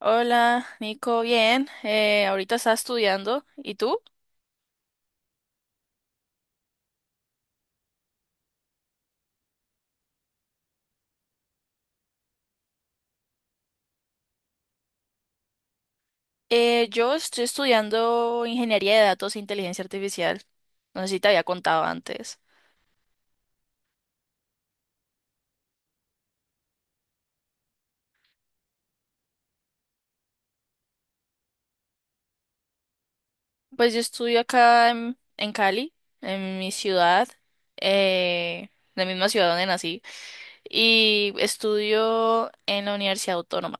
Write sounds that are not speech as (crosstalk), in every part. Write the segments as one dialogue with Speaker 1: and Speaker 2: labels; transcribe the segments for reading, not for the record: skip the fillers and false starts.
Speaker 1: Hola, Nico, bien. Ahorita está estudiando. ¿Y tú? Yo estoy estudiando ingeniería de datos e inteligencia artificial. No sé si te había contado antes. Pues yo estudio acá en Cali, en mi ciudad, la misma ciudad donde nací, y estudio en la Universidad Autónoma.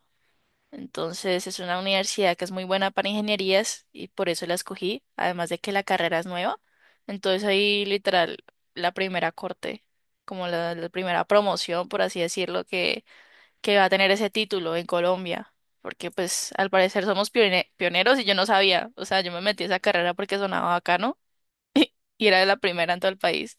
Speaker 1: Entonces es una universidad que es muy buena para ingenierías y por eso la escogí, además de que la carrera es nueva. Entonces ahí literal la primera corte, como la primera promoción, por así decirlo, que va a tener ese título en Colombia. Porque pues al parecer somos pioneros y yo no sabía, o sea, yo me metí a esa carrera porque sonaba bacano (laughs) y era la primera en todo el país.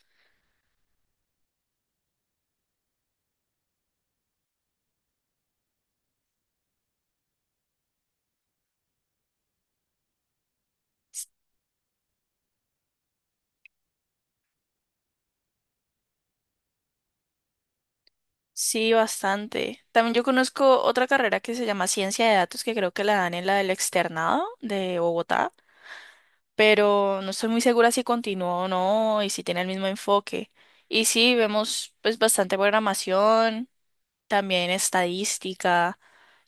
Speaker 1: Sí, bastante. También yo conozco otra carrera que se llama Ciencia de Datos, que creo que la dan en la del Externado de Bogotá, pero no estoy muy segura si continúa o no y si tiene el mismo enfoque. Y sí, vemos pues bastante programación, también estadística,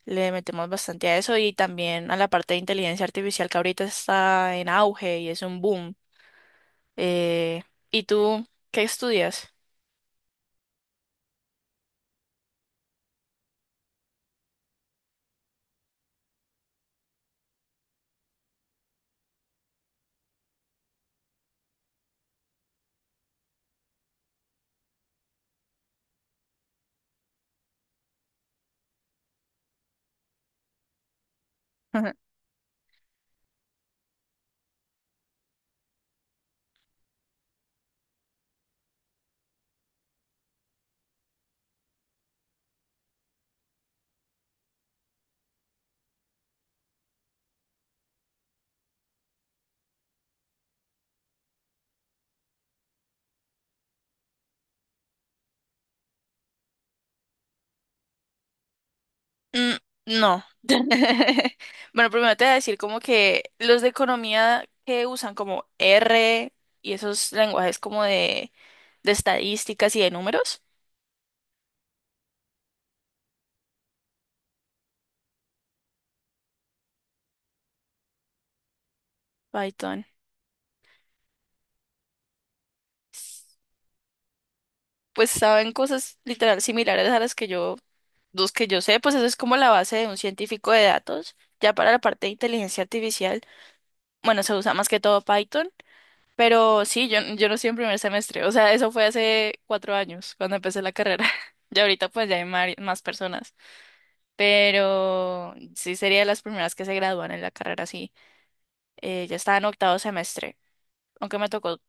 Speaker 1: le metemos bastante a eso y también a la parte de inteligencia artificial que ahorita está en auge y es un boom. Eh, ¿Y tú qué estudias? Ujú. Mm, no. (laughs) Bueno, primero te voy a decir como que los de economía que usan como R y esos lenguajes como de estadísticas y de números. Python. Pues saben cosas literal similares a las los que yo sé, pues eso es como la base de un científico de datos. Ya para la parte de inteligencia artificial, bueno, se usa más que todo Python, pero sí, yo no estoy en primer semestre, o sea, eso fue hace 4 años cuando empecé la carrera. (laughs) Y ahorita pues ya hay más personas, pero sí sería de las primeras que se gradúan en la carrera, sí. Ya estaba en octavo semestre, aunque me tocó,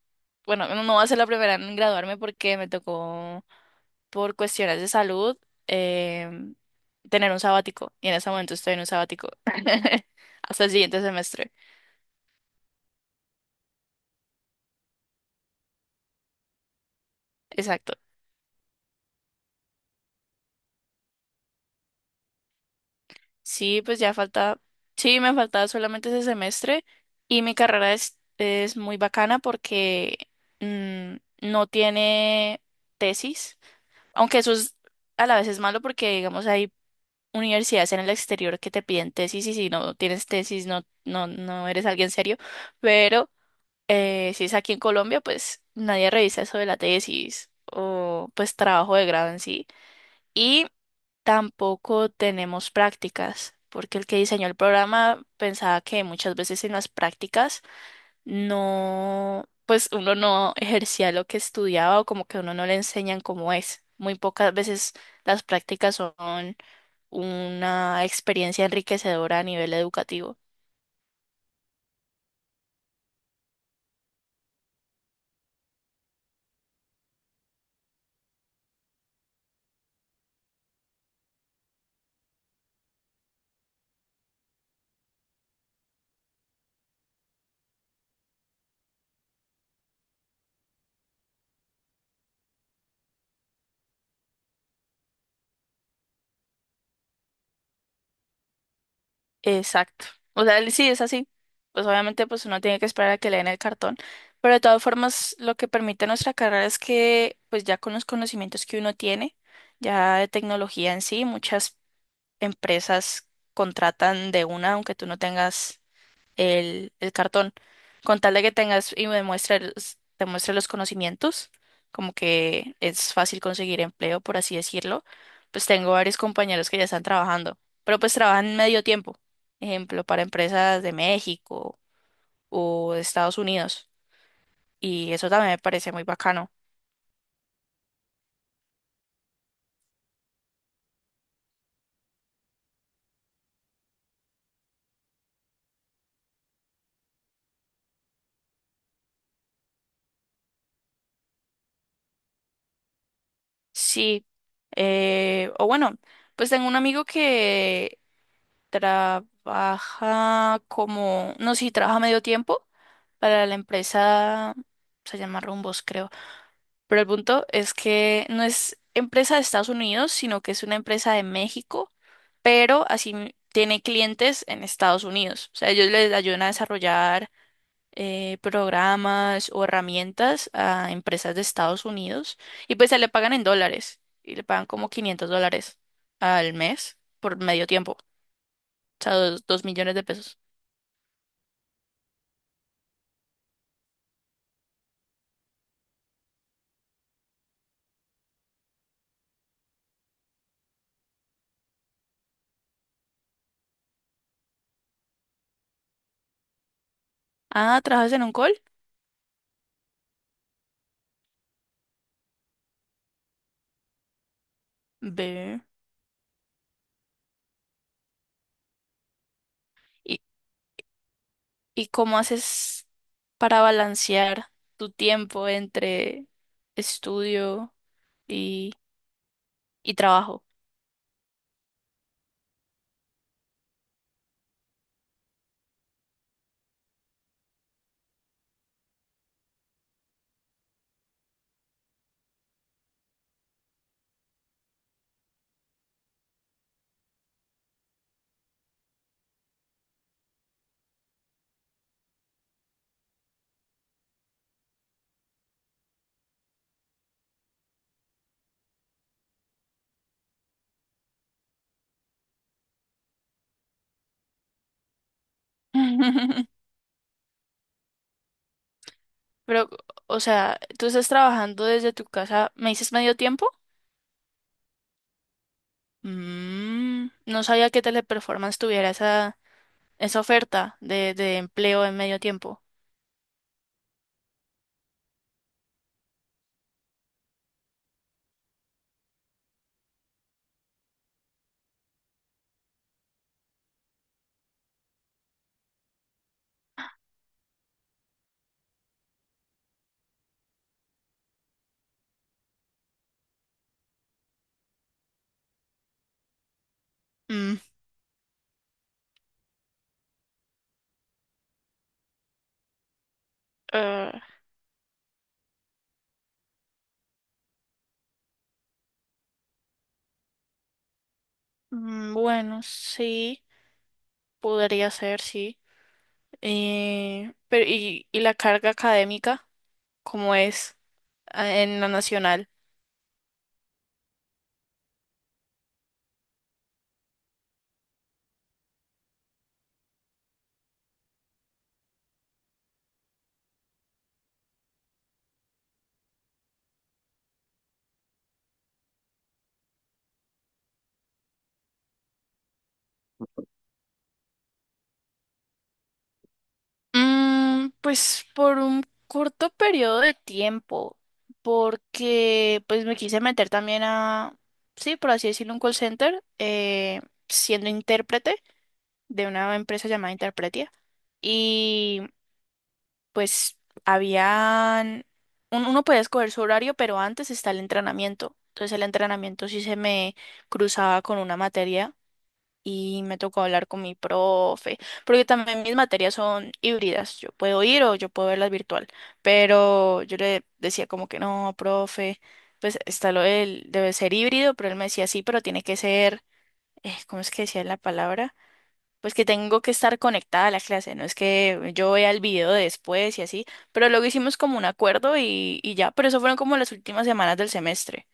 Speaker 1: bueno, no va a ser la primera en graduarme porque me tocó por cuestiones de salud, em, tener un sabático. Y en ese momento estoy en un sabático. (laughs) Hasta el siguiente semestre. Exacto. Sí, pues ya falta. Sí, me faltaba solamente ese semestre. Y mi carrera es muy bacana porque mm, no tiene tesis. Aunque eso es, a la vez es malo porque, digamos, hay universidades en el exterior que te piden tesis y si no tienes tesis no eres alguien serio. Pero si es aquí en Colombia, pues nadie revisa eso de la tesis o pues trabajo de grado en sí. Y tampoco tenemos prácticas, porque el que diseñó el programa pensaba que muchas veces en las prácticas no, pues uno no (laughs) ejercía lo que estudiaba o como que a uno no le enseñan cómo es. Muy pocas veces las prácticas son una experiencia enriquecedora a nivel educativo. Exacto. O sea, sí, es así. Pues obviamente pues uno tiene que esperar a que le den el cartón. Pero de todas formas, lo que permite nuestra carrera es que pues ya con los conocimientos que uno tiene, ya de tecnología en sí, muchas empresas contratan de una, aunque tú no tengas el cartón, con tal de que tengas y me muestre te muestre los conocimientos, como que es fácil conseguir empleo, por así decirlo, pues tengo varios compañeros que ya están trabajando, pero pues trabajan medio tiempo, ejemplo, para empresas de México o de Estados Unidos, y eso también me parece muy bacano. Sí, o bueno, pues tengo un amigo que trabaja como, no, sí, trabaja medio tiempo para la empresa, se llama Rumbos, creo. Pero el punto es que no es empresa de Estados Unidos, sino que es una empresa de México, pero así tiene clientes en Estados Unidos. O sea, ellos les ayudan a desarrollar programas o herramientas a empresas de Estados Unidos y pues se le pagan en dólares y le pagan como $500 al mes por medio tiempo. O sea, 2 millones de pesos. Ah, ¿trabajas en un call? Ve. ¿Y, y cómo haces para balancear tu tiempo entre estudio y, y trabajo? (laughs) Pero, o sea, ¿tú estás trabajando desde tu casa? ¿Me dices medio tiempo? Mm, no sabía que Teleperformance tuviera esa oferta de empleo en medio tiempo. Mm, eh, bueno, sí, podría ser, sí. Pero, y la carga académica? ¿Cómo es, ah, en la nacional? Mm, pues por un corto periodo de tiempo, porque pues me quise meter también a, sí, por así decirlo, un call center, siendo intérprete de una empresa llamada Interpretia. Y pues habían, uno podía escoger su horario, pero antes está el entrenamiento. Entonces el entrenamiento sí se me cruzaba con una materia y me tocó hablar con mi profe, porque también mis materias son híbridas, yo puedo ir o yo puedo verlas virtual, pero yo le decía como que no, profe, pues está lo del, debe ser híbrido, pero él me decía sí, pero tiene que ser, ¿cómo es que decía la palabra? Pues que tengo que estar conectada a la clase, no es que yo vea el video después y así, pero luego hicimos como un acuerdo y ya, pero eso fueron como las últimas semanas del semestre.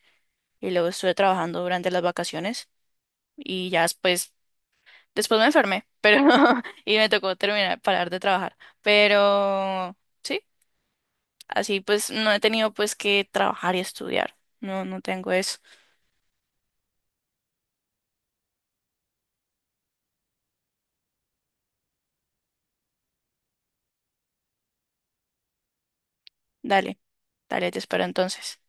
Speaker 1: Y luego estuve trabajando durante las vacaciones y ya después después me enfermé, pero (laughs) y me tocó terminar, parar de trabajar. Pero sí, así pues no he tenido pues que trabajar y estudiar. No, no tengo eso. Dale, dale, te espero entonces.